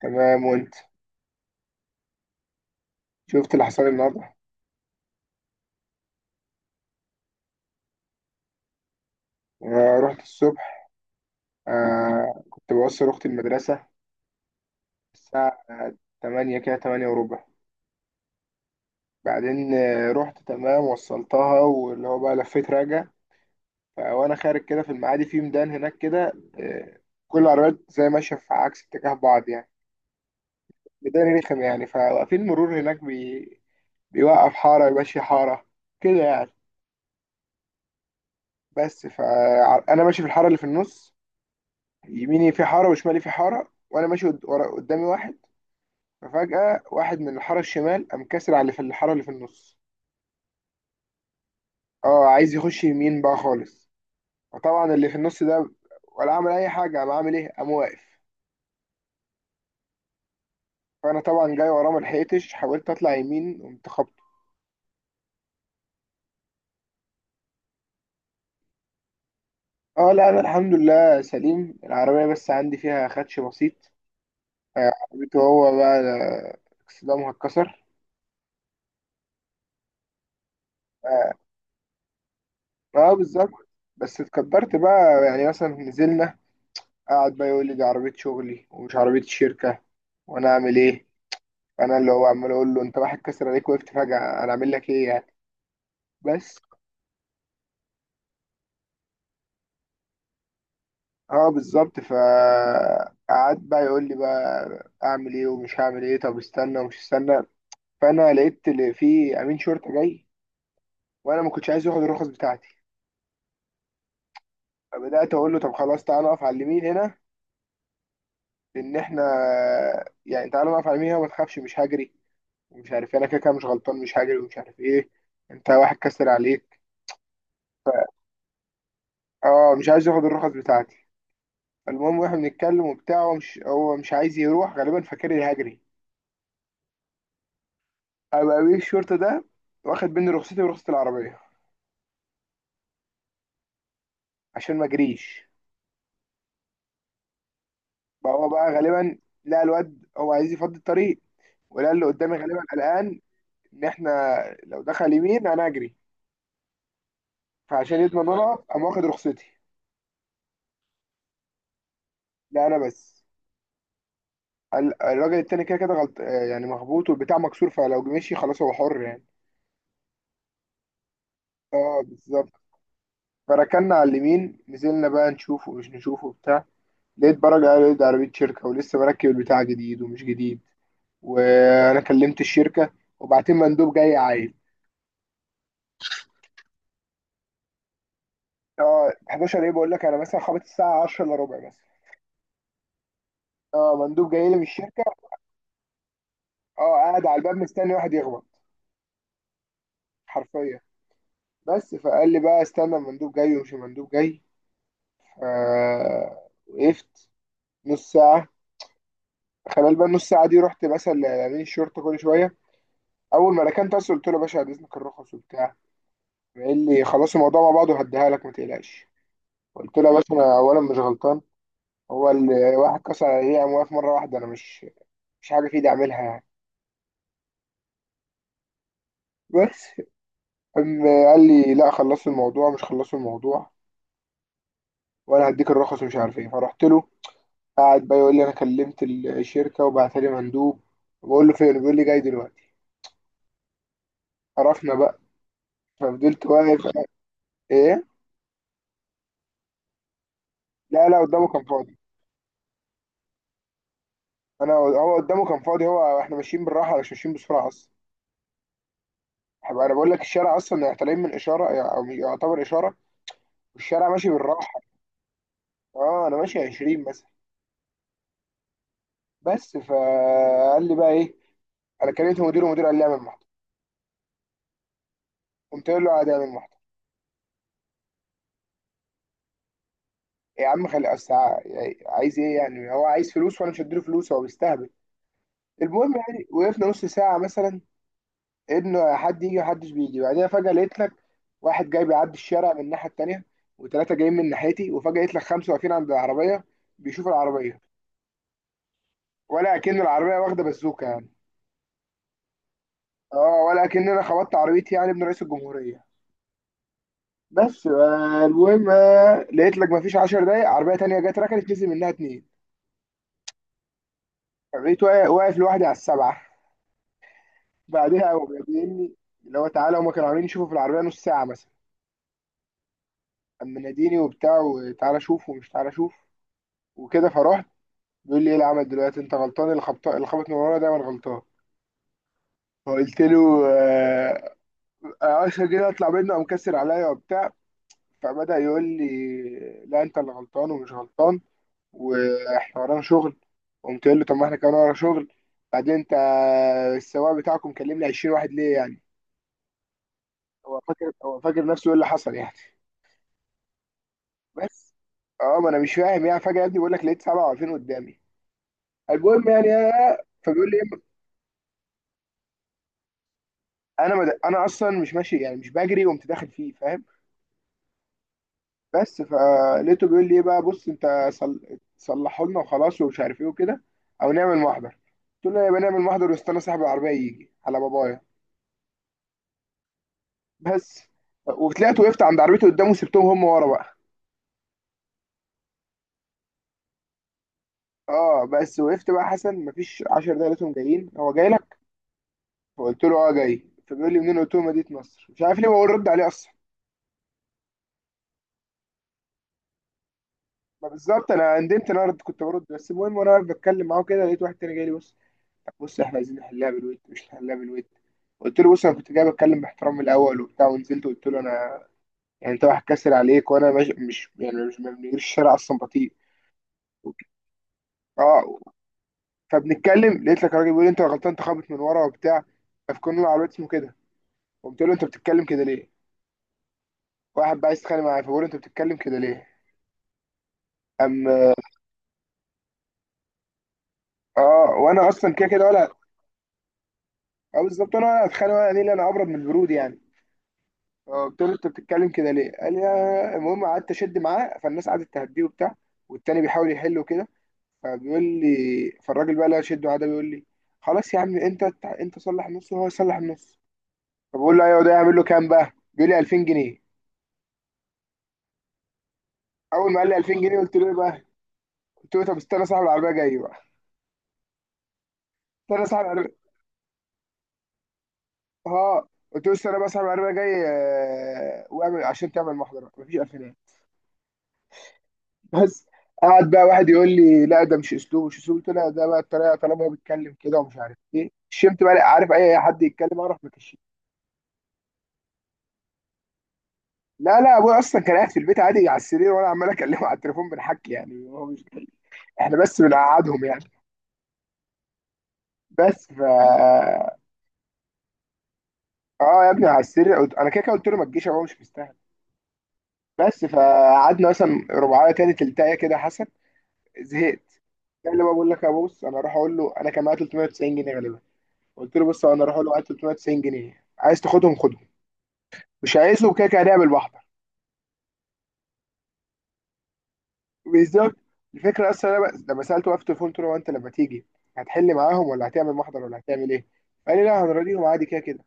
تمام وانت؟ شفت اللي حصل لي النهارده. رحت الصبح. آه كنت بوصل اختي المدرسه الساعه 8 كده، 8 وربع. بعدين رحت تمام وصلتها، واللي هو بقى لفيت راجع. وانا خارج كده في المعادي في ميدان هناك كده، آه، كل العربيات زي ماشيه في عكس اتجاه بعض يعني. ميدان رخم يعني، فواقفين مرور هناك بيوقف حاره يمشي حاره كده يعني. بس فانا ماشي في الحاره اللي في النص، يميني في حاره وشمالي في حاره، وانا ماشي قدامي واحد. ففجأة واحد من الحارة الشمال قام كاسر على اللي في الحارة اللي في النص، اه عايز يخش يمين بقى خالص. فطبعا اللي في النص ده ولا عمل أي حاجة، قام عامل إيه؟ قام واقف. فأنا طبعا جاي وراه، ملحقتش، حاولت أطلع يمين، قمت خبطه. اه لا، أنا الحمد لله سليم، العربية بس عندي فيها خدش بسيط. عربيته هو بقى اكسدامها اتكسر. اه بالظبط. بس اتقدرت بقى يعني، مثلا نزلنا، قعد بقى يقول لي دي عربية شغلي ومش عربية الشركة. وأنا أعمل إيه؟ انا اللي هو عمال اقول له انت واحد كسر عليك وقفت فجأة، انا اعمل لك ايه يعني؟ بس. اه بالظبط. فقعد بقى يقول لي بقى اعمل ايه ومش هعمل ايه، طب استنى ومش استنى. فانا لقيت اللي في امين شرطة جاي، وانا ما كنتش عايز ياخد الرخص بتاعتي. فبدأت اقول له طب خلاص تعالى نقف على اليمين هنا، لان احنا يعني تعالى نقف على اليمين هنا وما تخافش مش هجري. ومش عارف إيه، انا كده كده مش غلطان، مش هجري ومش عارف ايه، انت واحد كسر عليك. اه مش عايز ياخد الرخص بتاعتي. المهم واحنا بنتكلم وبتاع، هو مش عايز يروح، غالبا فاكر إني هجري. ابقى امير الشرطه ده واخد مني رخصتي ورخصه العربيه عشان ما اجريش. فهو بقى غالبا لقى الواد هو عايز يفضي الطريق، ولقى اللي قدامي غالبا قلقان ان احنا لو دخل يمين انا اجري. فعشان يضمن انا قام واخد رخصتي. لا انا بس. الراجل التاني كده كده غلط يعني مخبوط والبتاع مكسور، فلو مشي خلاص هو حر يعني. اه بالظبط. فركنا على اليمين، نزلنا بقى نشوفه مش نشوفه بتاع. لقيت لقيت عربية شركة ولسه مركب البتاع جديد ومش جديد. وانا كلمت الشركة وبعتين مندوب جاي عايل. اه 11 ايه؟ بقول لك انا مثلا خبط الساعة 10 الا ربع مثلا. اه مندوب جاي لي من الشركة. اه قاعد على الباب مستني واحد يخبط، حرفيا. بس فقال لي بقى استنى المندوب جاي ومش المندوب جاي. آه وقفت نص ساعة. خلال بقى النص ساعة دي رحت مثلا لأمين الشرطة كل شوية. أول ما ركنت أصل قلت له يا باشا عايز إذنك الرخص وبتاع. قال لي خلاص الموضوع مع بعض وهديها لك ما تقلقش. قلت له يا باشا انا اولا مش غلطان، هو اللي واحد كسر عليا قام واقف مره واحده، انا مش حاجه في ايدي اعملها يعني. بس. قام قال لي لا خلصوا الموضوع مش خلصوا الموضوع، وانا هديك الرخص ومش عارف ايه، فرحت له. قاعد بقى يقول لي انا كلمت الشركه وبعت لي مندوب. بقول له فين؟ بيقول لي جاي دلوقتي. عرفنا بقى. ففضلت واقف. ايه؟ لا لا، قدامه كان فاضي. انا هو قدامه كان فاضي، هو احنا ماشيين بالراحه مش ماشيين بسرعه اصلا. هبقى انا بقول لك الشارع اصلا طالعين من اشاره او يعتبر اشاره، والشارع ماشي بالراحه. اه انا ماشي 20 مثلا. بس فقال لي بقى ايه، انا كلمت مديره ومدير قال لي اعمل محضر. قمت قايل له عادي اعمل محضر. يا عم خلي أصل يعني عايز ايه يعني؟ هو عايز فلوس وانا مش هديله فلوس، هو بيستهبل. المهم يعني وقفنا نص ساعه مثلا ان حد يجي، محدش بيجي. بعدها فجاه لقيت لك واحد جاي بيعدي الشارع من الناحيه التانيه، وثلاثه جايين من ناحيتي، وفجاه لقيت لك خمسه واقفين عند العربيه بيشوفوا العربيه، ولا اكن العربيه واخده بازوكه يعني. اه ولا اكن انا خبطت عربيتي يعني ابن رئيس الجمهوريه. بس المهم لقيت لك مفيش 10 دقايق عربيه تانية جت ركنت، نزل منها اتنين. بقيت واقف واقف لوحدي على السبعه. بعدها هو بيناديني، اللي هو تعالى. هما كانوا عاملين يشوفوا في العربيه نص ساعه مثلا. اما ناديني وبتاع وتعالى شوف ومش تعالى شوف وكده، فرحت. بيقول لي ايه العمل دلوقتي؟ انت غلطان، اللي خبط اللي خبط من ورا دايما غلطان. فقلت له آه، عشان كده اطلع منه قام كسر عليا وبتاع. فبدأ يقول لي لا انت اللي غلطان ومش غلطان، واحنا ورانا شغل. قمت قايل له طب ما احنا كمان ورا شغل. بعدين انت السواق بتاعكم كلم لي 20 واحد ليه يعني؟ هو فاكر، هو فاكر نفسه ايه اللي حصل يعني؟ بس. اه ما انا مش فاهم يعني، فجاه يا ابني بقول لك لقيت 27 قدامي. المهم يعني فبيقول لي إيه؟ انا انا اصلا مش ماشي، يعني مش بجري وقمت داخل فيه، فاهم؟ بس فلقيته بيقول لي ايه بقى، بص انت صلحوا لنا وخلاص ومش عارف ايه وكده، او نعمل محضر. قلت له يا بني نعمل محضر، واستنى صاحب العربيه يجي على بابايا. بس. وطلعت وقفت عند عربيته قدامه وسبتهم هم ورا بقى. اه بس وقفت بقى، حسن مفيش 10 دقايق لقيتهم جايين، هو جاي لك. فقلت له اه جاي. فبيقول لي منين؟ قلت له مدينه نصر. مش عارف ليه بقول، رد عليه اصلا. ما بالظبط انا ندمت ان انا كنت برد. بس المهم وانا واقف بتكلم معاه كده لقيت واحد تاني جاي لي، بص، طب بص احنا عايزين نحلها بالود مش نحلها بالود. قلت له بص انا كنت جاي بتكلم باحترام من الاول وبتاع ونزلت قلت له انا يعني انت واحد كاسر عليك، وانا مش يعني مش ما بنجريش، الشارع اصلا بطيء. اه فبنتكلم لقيت لك راجل بيقول لي انت غلطان انت خابط من ورا وبتاع. فكنا على الواد اسمه كده. قمت له انت بتتكلم كده ليه؟ واحد بقى عايز يتخانق معايا، فبقول له انت بتتكلم كده ليه؟ ام. اه وانا اصلا كده كده ولا. اه بالظبط، انا ولا اتخانق ولا ليه، انا ابرد من البرود يعني. اه قلت له انت بتتكلم كده ليه؟ قال لي اه. المهم قعدت اشد معاه، فالناس قعدت تهديه وبتاع والتاني بيحاول يحله كده. فبيقول لي، فالراجل بقى اللي انا شده معاه ده بيقول لي خلاص يا عم، انت انت صلح النص وهو يصلح النص. فبقول له ايوه، ده يعمل له كام بقى؟ بيقول لي 2000 جنيه. اول ما قال لي 2000 جنيه قلت له ايه بقى؟ قلت له طب استنى صاحب العربيه جاي بقى. استنى صاحب العربيه. اه قلت له استنى بقى صاحب العربيه جاي، واعمل عشان تعمل محضره، مفيش 2000. بس. قعد بقى واحد يقول لي لا ده مش اسلوب مش اسلوب. قلت له لا ده بقى الطريقه، طالما هو بيتكلم كده ومش عارف ايه شمت بقى لا، عارف اي حد يتكلم اعرف مكشي. لا لا، ابويا اصلا كان قاعد في البيت عادي على السرير، وانا عمال اكلمه على التليفون بنحكي يعني هو مش. احنا بس بنقعدهم يعني. بس ف. اه يا ابني على السرير، قلت انا كده كده قلت له ما تجيش هو مش مستاهل. بس فقعدنا مثلا ربعايه كده تلتايه كده حسب. زهقت. قال لي بقى، بقول لك يا بص انا اروح اقول له، انا كان معايا 390 جنيه غالبا. قلت له بص انا اروح اقول له معايا 390 جنيه، عايز تاخدهم خدهم، مش عايزهم كده كده هنعمل بحضر. بالظبط. الفكره اصلا انا لما سالته بقى في التليفون قلت له هو انت لما تيجي هتحل معاهم ولا هتعمل محضر ولا هتعمل ايه؟ قال لي لا هنراضيهم عادي كده كده.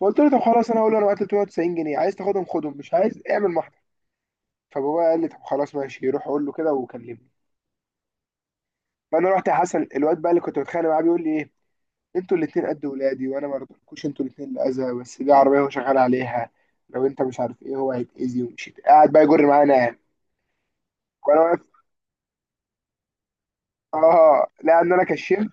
فقلت له طب خلاص انا هقول له انا معايا 390 جنيه عايز تاخدهم خدهم، مش عايز اعمل محضر. فبابا قال لي طب خلاص ماشي، روح قول له كده وكلمني. فانا رحت يا حسن. الواد بقى اللي كنت بتخانق معاه بيقول لي ايه، انتوا الاتنين قد ولادي وانا ما رضيتكوش انتوا الاتنين الاذى، بس دي عربيه هو شغال عليها، لو انت مش عارف ايه هو هيتاذي قاعد بقى يجر معانا. وانا واقف. اه لان انا كشمت.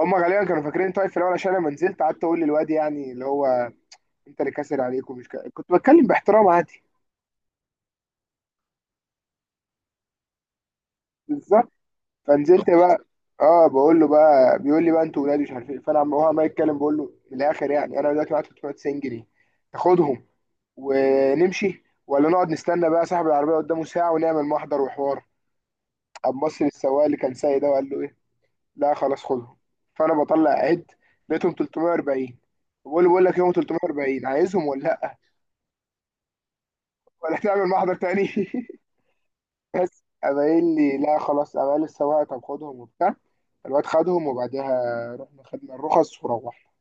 هم غالبا كانوا فاكرين انت واقف في الاول، عشان لما نزلت قعدت اقول للواد يعني اللي هو انت اللي كاسر عليك، ومش كنت بتكلم باحترام عادي. بالظبط. فنزلت بقى. اه بقول له بقى، بيقول لي بقى انتوا ولادي مش عارف ايه، فانا هو عمال يتكلم، بقول له من الاخر يعني انا دلوقتي معايا 390 جنيه، تاخدهم ونمشي ولا نقعد نستنى بقى صاحب العربية قدامه ساعة ونعمل محضر وحوار. قام بص للسواق اللي كان سايق ده وقال له ايه؟ لا خلاص خدهم. فانا بطلع عد، لقيتهم 340. بقول له بقول لك يوم 340، عايزهم ولا لا؟ ولا تعمل محضر تاني؟ بس قام قايل لي لا خلاص، قام قال للسواق طب خدهم وبتاع. الواد خدهم، وبعدها رحنا خدنا الرخص وروحنا.